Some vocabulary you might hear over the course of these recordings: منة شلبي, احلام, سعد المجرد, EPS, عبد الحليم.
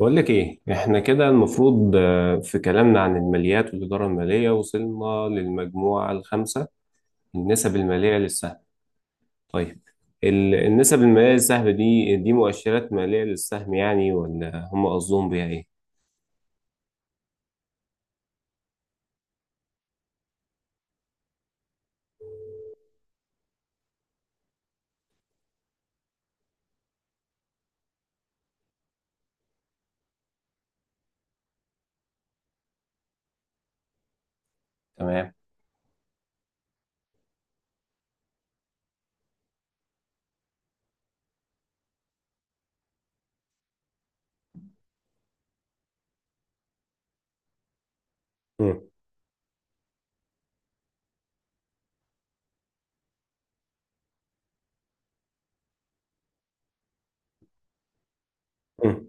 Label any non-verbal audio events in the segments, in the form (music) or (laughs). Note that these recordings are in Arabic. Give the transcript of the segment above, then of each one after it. بقول لك ايه، احنا كده المفروض في كلامنا عن الماليات والإدارة المالية وصلنا للمجموعة الخامسة. النسب المالية للسهم. طيب، النسب المالية للسهم دي مؤشرات مالية للسهم يعني ولا هم قصدهم بيها ايه؟ تمام. مم. مم.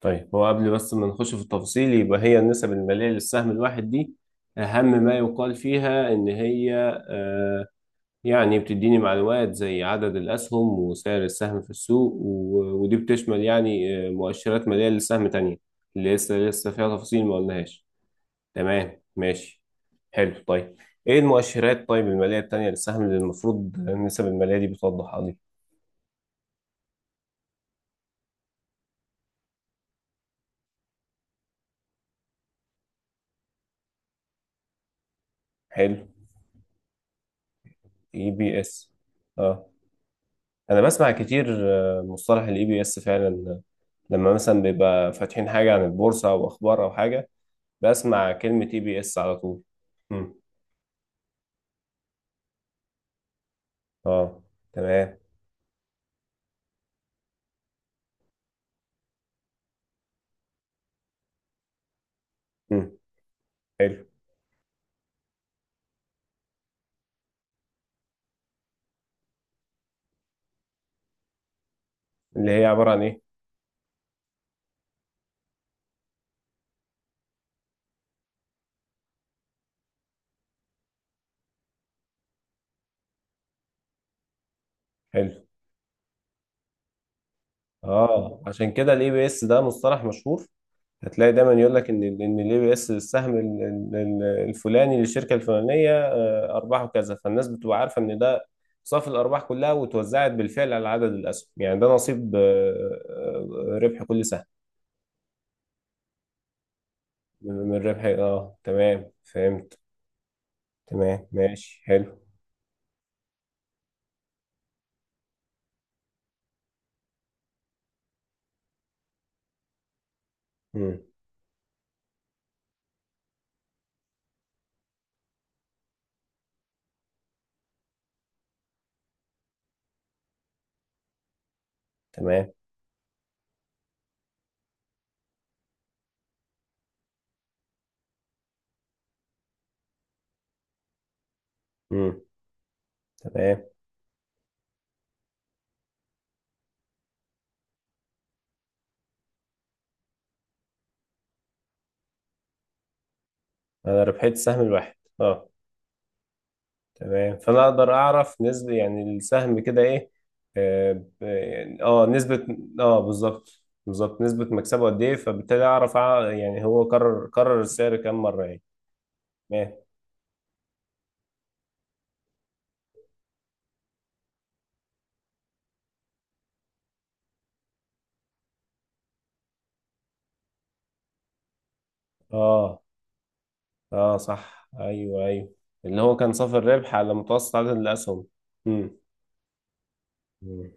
طيب، هو قبل بس ما نخش في التفاصيل يبقى هي النسب المالية للسهم الواحد دي أهم ما يقال فيها إن هي آه، يعني بتديني معلومات زي عدد الأسهم وسعر السهم في السوق ودي بتشمل يعني مؤشرات مالية للسهم تانية اللي لسه فيها تفاصيل ما قلناهاش. تمام، ماشي. حلو. طيب، ايه المؤشرات، طيب، المالية التانية للسهم اللي المفروض النسب المالية دي بتوضحها لي؟ حلو. EPS. اه، انا بسمع كتير مصطلح الـEPS فعلا، لما مثلا بيبقى فاتحين حاجة عن البورصة او اخبار او حاجة بسمع كلمة EPS على طول. مم. اه، تمام. مم. حلو. اللي هي عبارة عن ايه؟ حلو. اه، عشان كده الـEPS ده مصطلح مشهور. هتلاقي دايما يقول لك ان الـEPS السهم الفلاني للشركة الفلانية ارباحه كذا، فالناس بتبقى عارفة ان ده صافي الارباح كلها وتوزعت بالفعل على عدد الاسهم، يعني ده نصيب ربح كل سهم. من ربح. اه، تمام، فهمت. تمام، ماشي. حلو. مم. تمام. مم. تمام، انا ربحت السهم الواحد. اه، تمام، فانا اقدر اعرف نسبة يعني السهم كده ايه. اه، يعني نسبة. اه، بالظبط بالظبط، نسبة مكسبه قد ايه، فبالتالي اعرف يعني هو كرر السعر كام مرة يعني. تمام. اه، اه، صح. ايوه، ايوه، اللي هو كان صافي الربح على متوسط عدد الاسهم. امم أمم،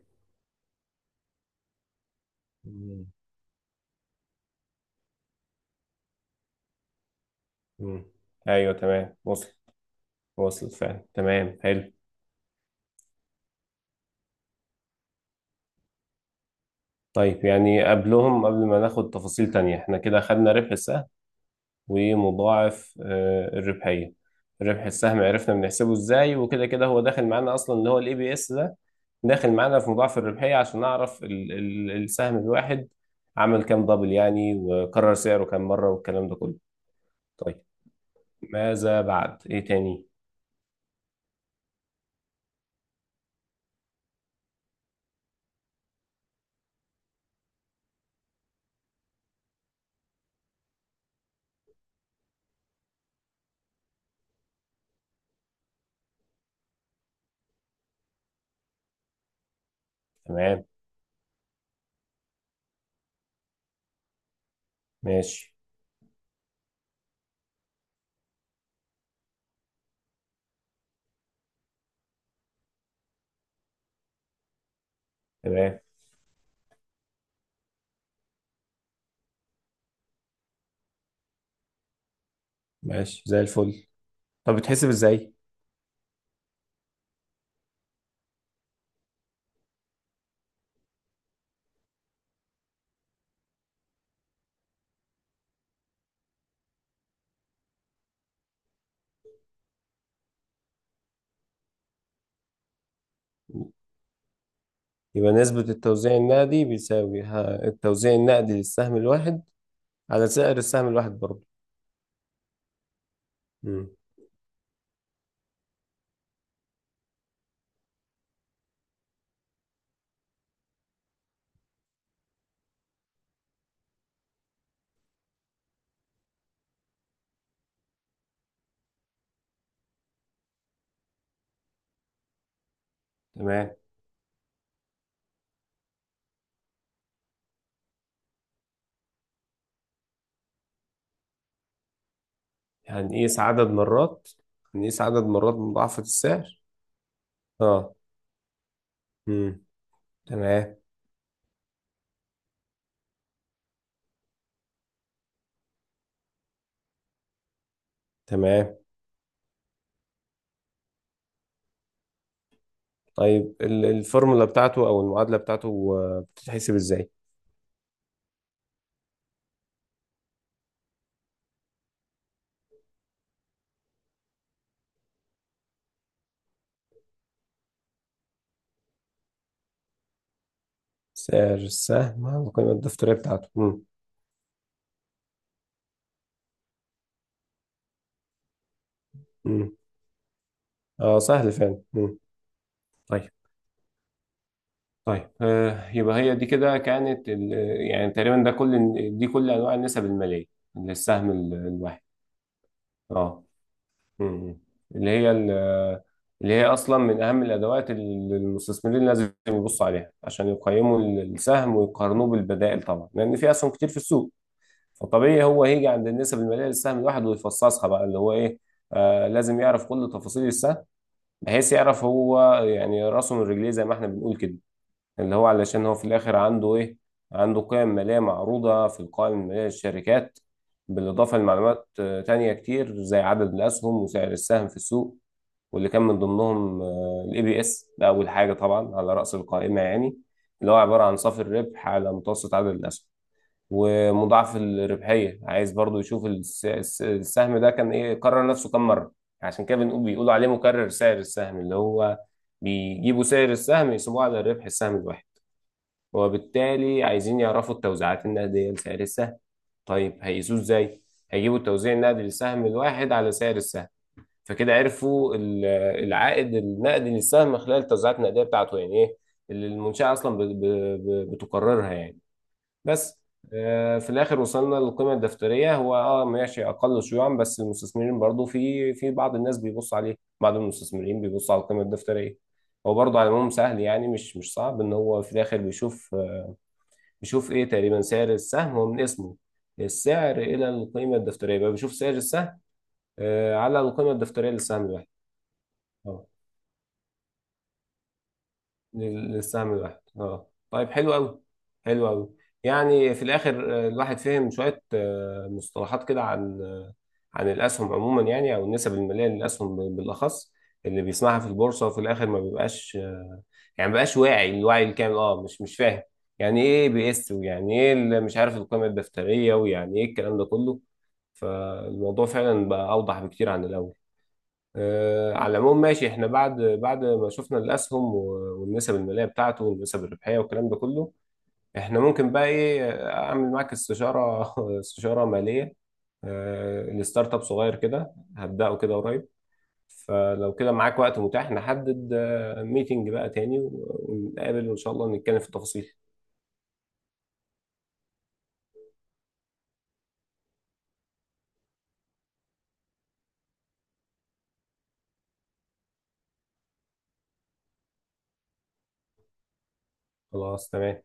أمم، أمم. ايوه، تمام، وصل. وصل فعلا، تمام، حلو. طيب، يعني قبلهم، قبل ما ناخد تفاصيل تانية، احنا كده خدنا ربح السهم ومضاعف الربحية. ربح السهم عرفنا بنحسبه ازاي، وكده كده هو داخل معانا اصلا اللي هو الـEPS ده. داخل معانا في مضاعف الربحية عشان نعرف ال السهم الواحد عمل كام دبل يعني، وكرر سعره كام مرة والكلام ده كله. طيب، ماذا بعد؟ ايه تاني؟ تمام، ماشي. تمام، ماشي زي الفل. طب، بتحسب ازاي؟ يبقى نسبة التوزيع النقدي بيساوي التوزيع النقدي للسهم الواحد على سعر السهم الواحد برضه. مم. تمام. هنقيس عدد مرات هنقيس عدد مرات مضاعفة السعر. اه، امم تمام، تمام. طيب، الفورمولا بتاعته او المعادلة بتاعته بتتحسب ازاي؟ سعر السهم على القيمة الدفترية بتاعته. امم اه، سهل فعلا. طيب، طيب، يبقى هي دي كده كانت يعني تقريبا ده كل دي كل انواع النسب المالية للسهم الواحد. اه. مم. اللي هي ال- اللي هي اصلا من اهم الادوات اللي المستثمرين لازم يبصوا عليها عشان يقيموا السهم ويقارنوه بالبدائل، طبعا لان في اسهم كتير في السوق. فطبيعي هو هيجي عند النسب الماليه للسهم الواحد ويفصصها بقى اللي هو ايه. لازم يعرف كل تفاصيل السهم، بحيث يعرف هو يعني راسه من رجليه زي ما احنا بنقول كده. اللي هو علشان هو في الاخر عنده ايه؟ عنده قيم ماليه معروضه في القائمه الماليه للشركات، بالاضافه لمعلومات تانية كتير زي عدد الاسهم وسعر السهم في السوق، واللي كان من ضمنهم الـEPS ده اول حاجه طبعا على راس القائمه يعني، اللي هو عباره عن صافي الربح على متوسط عدد الاسهم. ومضاعف الربحيه عايز برضو يشوف السهم ده كان ايه كرر نفسه كم مره. عشان كده بنقول بيقولوا عليه مكرر سعر السهم، اللي هو بيجيبوا سعر السهم يسيبوه على الربح السهم الواحد. وبالتالي عايزين يعرفوا التوزيعات النقديه لسعر السهم. طيب، هيقيسوه ازاي؟ هيجيبوا التوزيع النقدي للسهم الواحد على سعر السهم. فكده عرفوا العائد النقدي للسهم خلال التوزيعات النقديه بتاعته، يعني ايه، اللي المنشاه اصلا بتقررها يعني. بس. في الاخر وصلنا للقيمه الدفتريه. هو اه ماشي، اقل شيوعا بس المستثمرين برضو في بعض الناس بيبصوا عليه، بعض المستثمرين بيبصوا على القيمه الدفتريه. هو برضه على العموم سهل يعني مش صعب، ان هو في الاخر بيشوف ايه تقريبا. سعر السهم هو من اسمه السعر الى القيمه الدفتريه، يبقى بيشوف سعر السهم على القيمه الدفتريه للسهم الواحد. اه، للسهم الواحد. اه، طيب، حلو قوي. حلو قوي. يعني في الاخر الواحد فهم شويه مصطلحات كده عن عن الاسهم عموما يعني، او النسب الماليه للاسهم بالاخص اللي بيسمعها في البورصه، وفي الاخر ما بيبقاش آه، يعني ما بيبقاش واعي الوعي الكامل. اه، مش فاهم يعني ايه بيس، ويعني ايه اللي مش عارف القيمه الدفتريه، ويعني ايه الكلام ده كله. فالموضوع فعلا بقى اوضح بكتير عن الاول. على العموم، ماشي. احنا بعد ما شفنا الاسهم والنسب الماليه بتاعته والنسب الربحيه والكلام ده كله، احنا ممكن بقى ايه، اعمل معاك استشاره (laughs) استشاره ماليه لستارت اب صغير كده هبداه كده قريب. فلو كده معاك وقت متاح، نحدد ميتنج بقى تاني ونتقابل وان شاء الله نتكلم في التفاصيل. خلاص. تمام.